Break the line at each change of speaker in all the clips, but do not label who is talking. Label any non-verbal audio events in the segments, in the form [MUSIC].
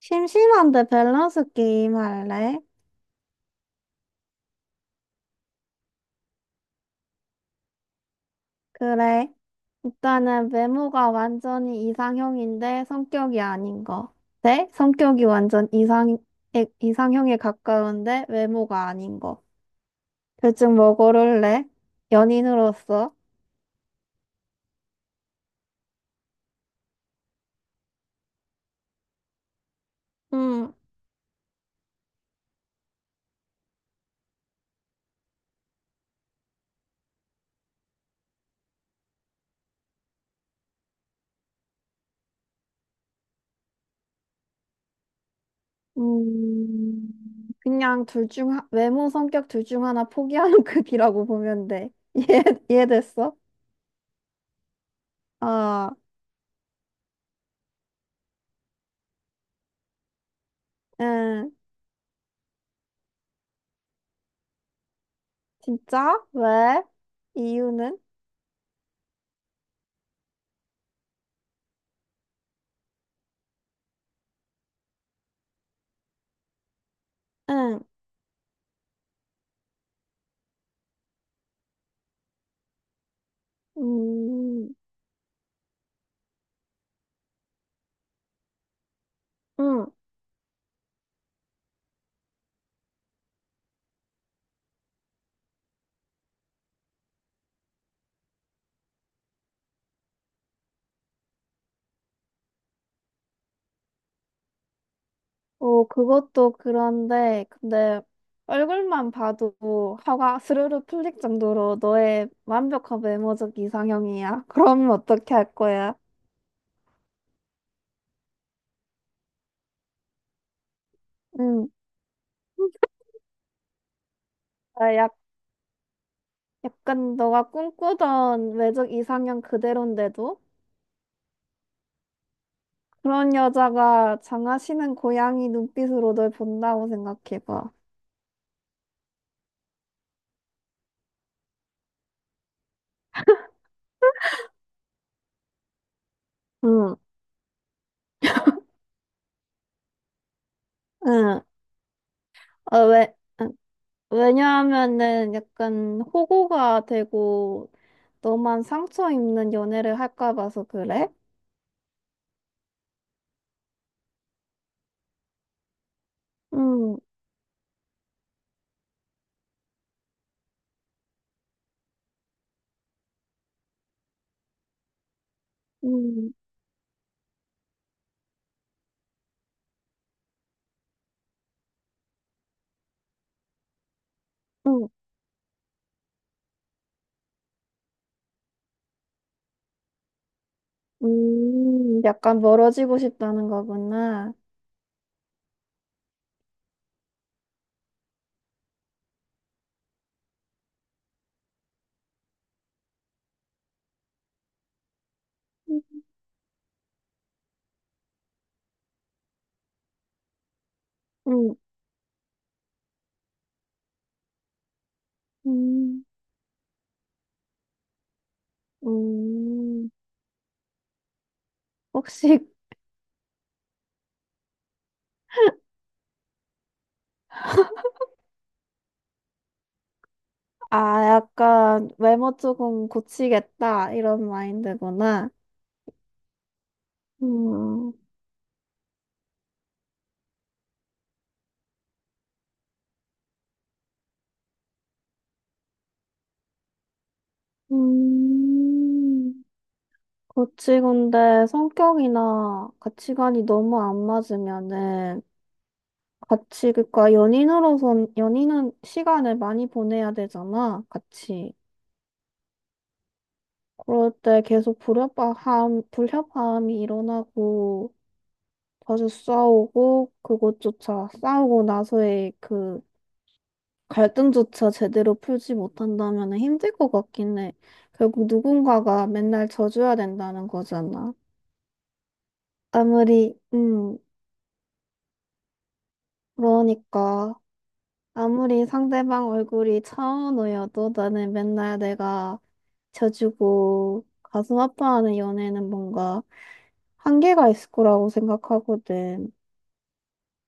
심심한데 밸런스 게임 할래? 그래. 일단은 외모가 완전히 이상형인데 성격이 아닌 거. 네? 성격이 완전 이상형에 가까운데 외모가 아닌 거. 둘중 뭐 고를래? 연인으로서? 음, 그냥 둘 중, 외모, 성격 둘 중 하나 포기하는 [LAUGHS] 급이라고 보면 돼. 이해, 이해됐어? 어, 응. 진짜? 왜? 이유는? 응. 음, 응. 어, 그것도 그런데, 근데 얼굴만 봐도 화가 스르르 풀릴 정도로 너의 완벽한 외모적 이상형이야. [LAUGHS] 그러면 어떻게 할 거야? 응. 아, 약간 너가 꿈꾸던 외적 이상형 그대로인데도 그런 여자가 장하시는 고양이 눈빛으로 널 본다고 생각해봐. 응, 응. 어, 왜? 응. 왜냐하면은 약간 호구가 되고 너만 상처 입는 연애를 할까 봐서 그래? 음, 음, 음, 약간 멀어지고 싶다는 거구나. 음, 음, 음, 음. 혹시, 아, 약간 외모 조금 고치겠다, 이런 마인드구나. 음, 음, 고치건데 성격이나 가치관이 너무 안 맞으면은 같이, 그니까 연인으로선, 연인은 시간을 많이 보내야 되잖아, 같이. 그럴 때 계속 불협화음이 일어나고, 자주 싸우고, 그것조차 싸우고 나서의 그 갈등조차 제대로 풀지 못한다면 힘들 것 같긴 해. 결국 누군가가 맨날 져줘야 된다는 거잖아. 아무리, 음, 그러니까. 아무리 상대방 얼굴이 차은우여도 나는 맨날 내가 져주고 가슴 아파하는 연애는 뭔가 한계가 있을 거라고 생각하거든.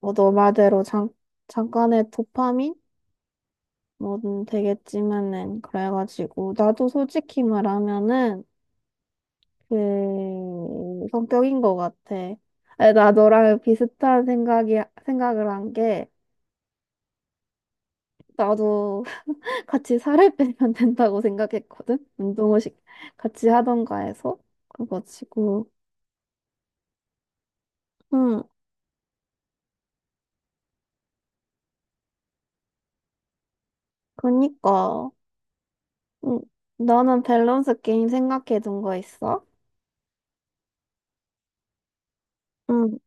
뭐 너 말대로 잠깐의 도파민? 뭐든 되겠지만은 그래가지고 나도 솔직히 말하면은 그 성격인 것 같아. 아니, 나 너랑 비슷한 생각이 생각을 한 게 나도 같이 살을 빼면 [LAUGHS] 된다고 생각했거든. 운동을 같이 하던가 해서 그래가지고 응. 그니까. 응. 너는 밸런스 게임 생각해둔 거 있어? 응.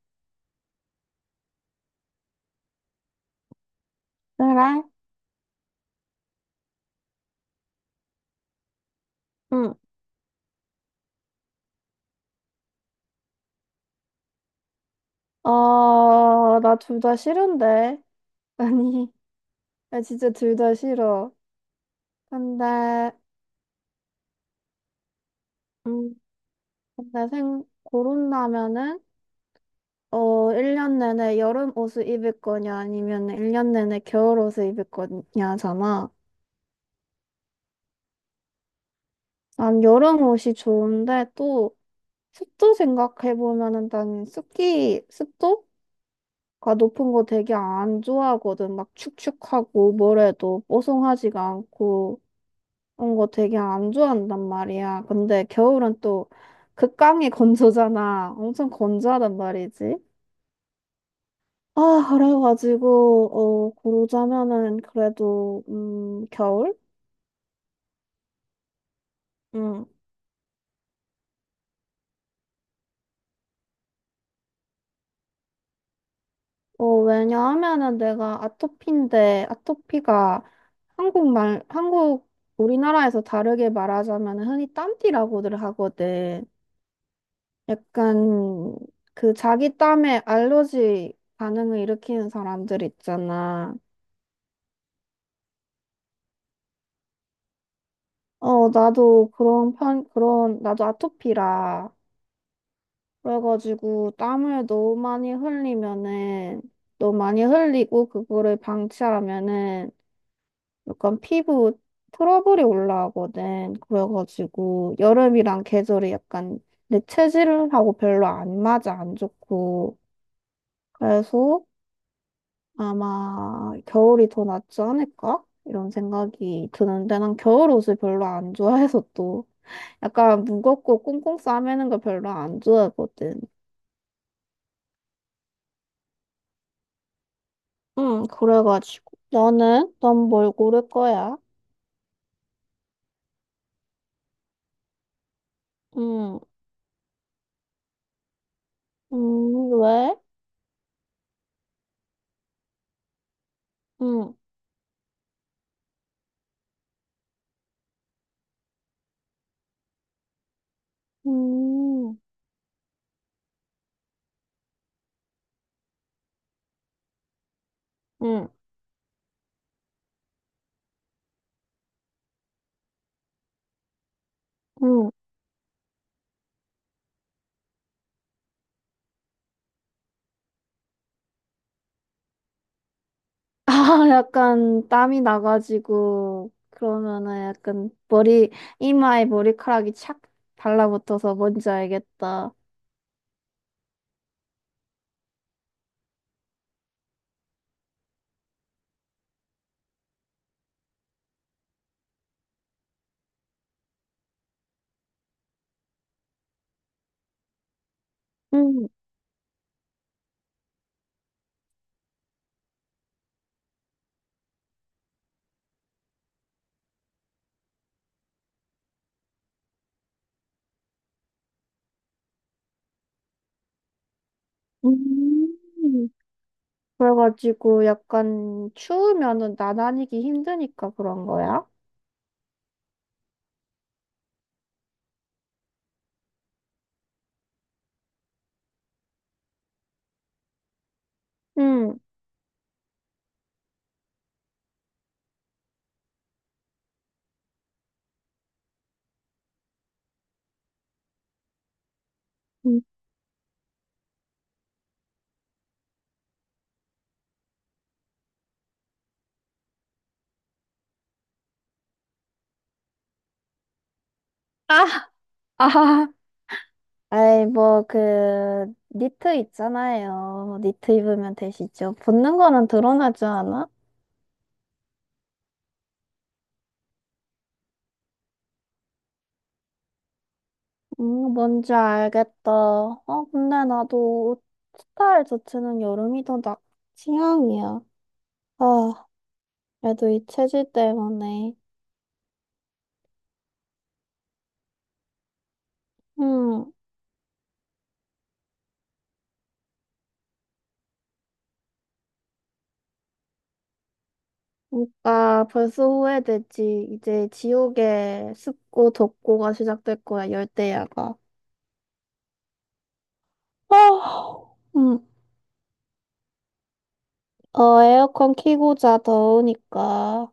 그래? 응. 어, 나 둘 다 싫은데 [LAUGHS] 아니, 나 진짜 둘 다 싫어. 근데 음 근데 생 고른다면은 어, 1년 내내 여름 옷을 입을 거냐, 아니면 1년 내내 겨울 옷을 입을 거냐잖아. 난 여름 옷이 좋은데 또 습도 생각해보면은 난 습도가 높은 거 되게 안 좋아하거든. 막 축축하고 뭐래도 뽀송하지가 않고 그런 거 되게 안 좋아한단 말이야. 근데 겨울은 또 극강의 건조잖아. 엄청 건조하단 말이지. 아, 그래가지고, 고르자면은 그래도, 겨울? 응. 왜냐하면은 내가 아토피인데, 아토피가 한국말, 한국, 우리나라에서 다르게 말하자면 흔히 땀띠라고들 하거든. 약간 그 자기 땀에 알러지 반응을 일으키는 사람들 있잖아. 어, 나도 나도 아토피라. 그래가지고 땀을 너무 많이 흘리면은, 너무 많이 흘리고 그거를 방치하면은 약간 피부 트러블이 올라오거든. 그래가지고 여름이랑 계절이 약간 내 체질하고 별로 안 맞아, 안 좋고. 그래서 아마 겨울이 더 낫지 않을까? 이런 생각이 드는데 난 겨울 옷을 별로 안 좋아해서 또 약간 무겁고 꽁꽁 싸매는 걸 별로 안 좋아하거든. 응, 그래가지고 너는? 넌 뭘 고를 거야? 응. 음. 왜? 응. 음. 응. 응. 아, [LAUGHS] 약간 땀이 나가지고 그러면은 약간 머리 이마에 머리카락이 착 달라붙어서 뭔지 알겠다. 음, 음. 그래가지고 약간 추우면은 나다니기 힘드니까 그런 거야? 응. 음. 아, [LAUGHS] 아. 아이 뭐 그 니트 있잖아요. 니트 입으면 되시죠. 붙는 거는 드러나지 않아? 뭔지 알겠다. 어, 근데 나도 스타일 자체는 여름이 취향이야. 아, 그래도 이 체질 때문에. 음, 그러니까 벌써 후회되지. 이제 지옥의 습고 덥고가 시작될 거야, 열대야가. 아, 음, 에어컨 켜고 자, 더우니까.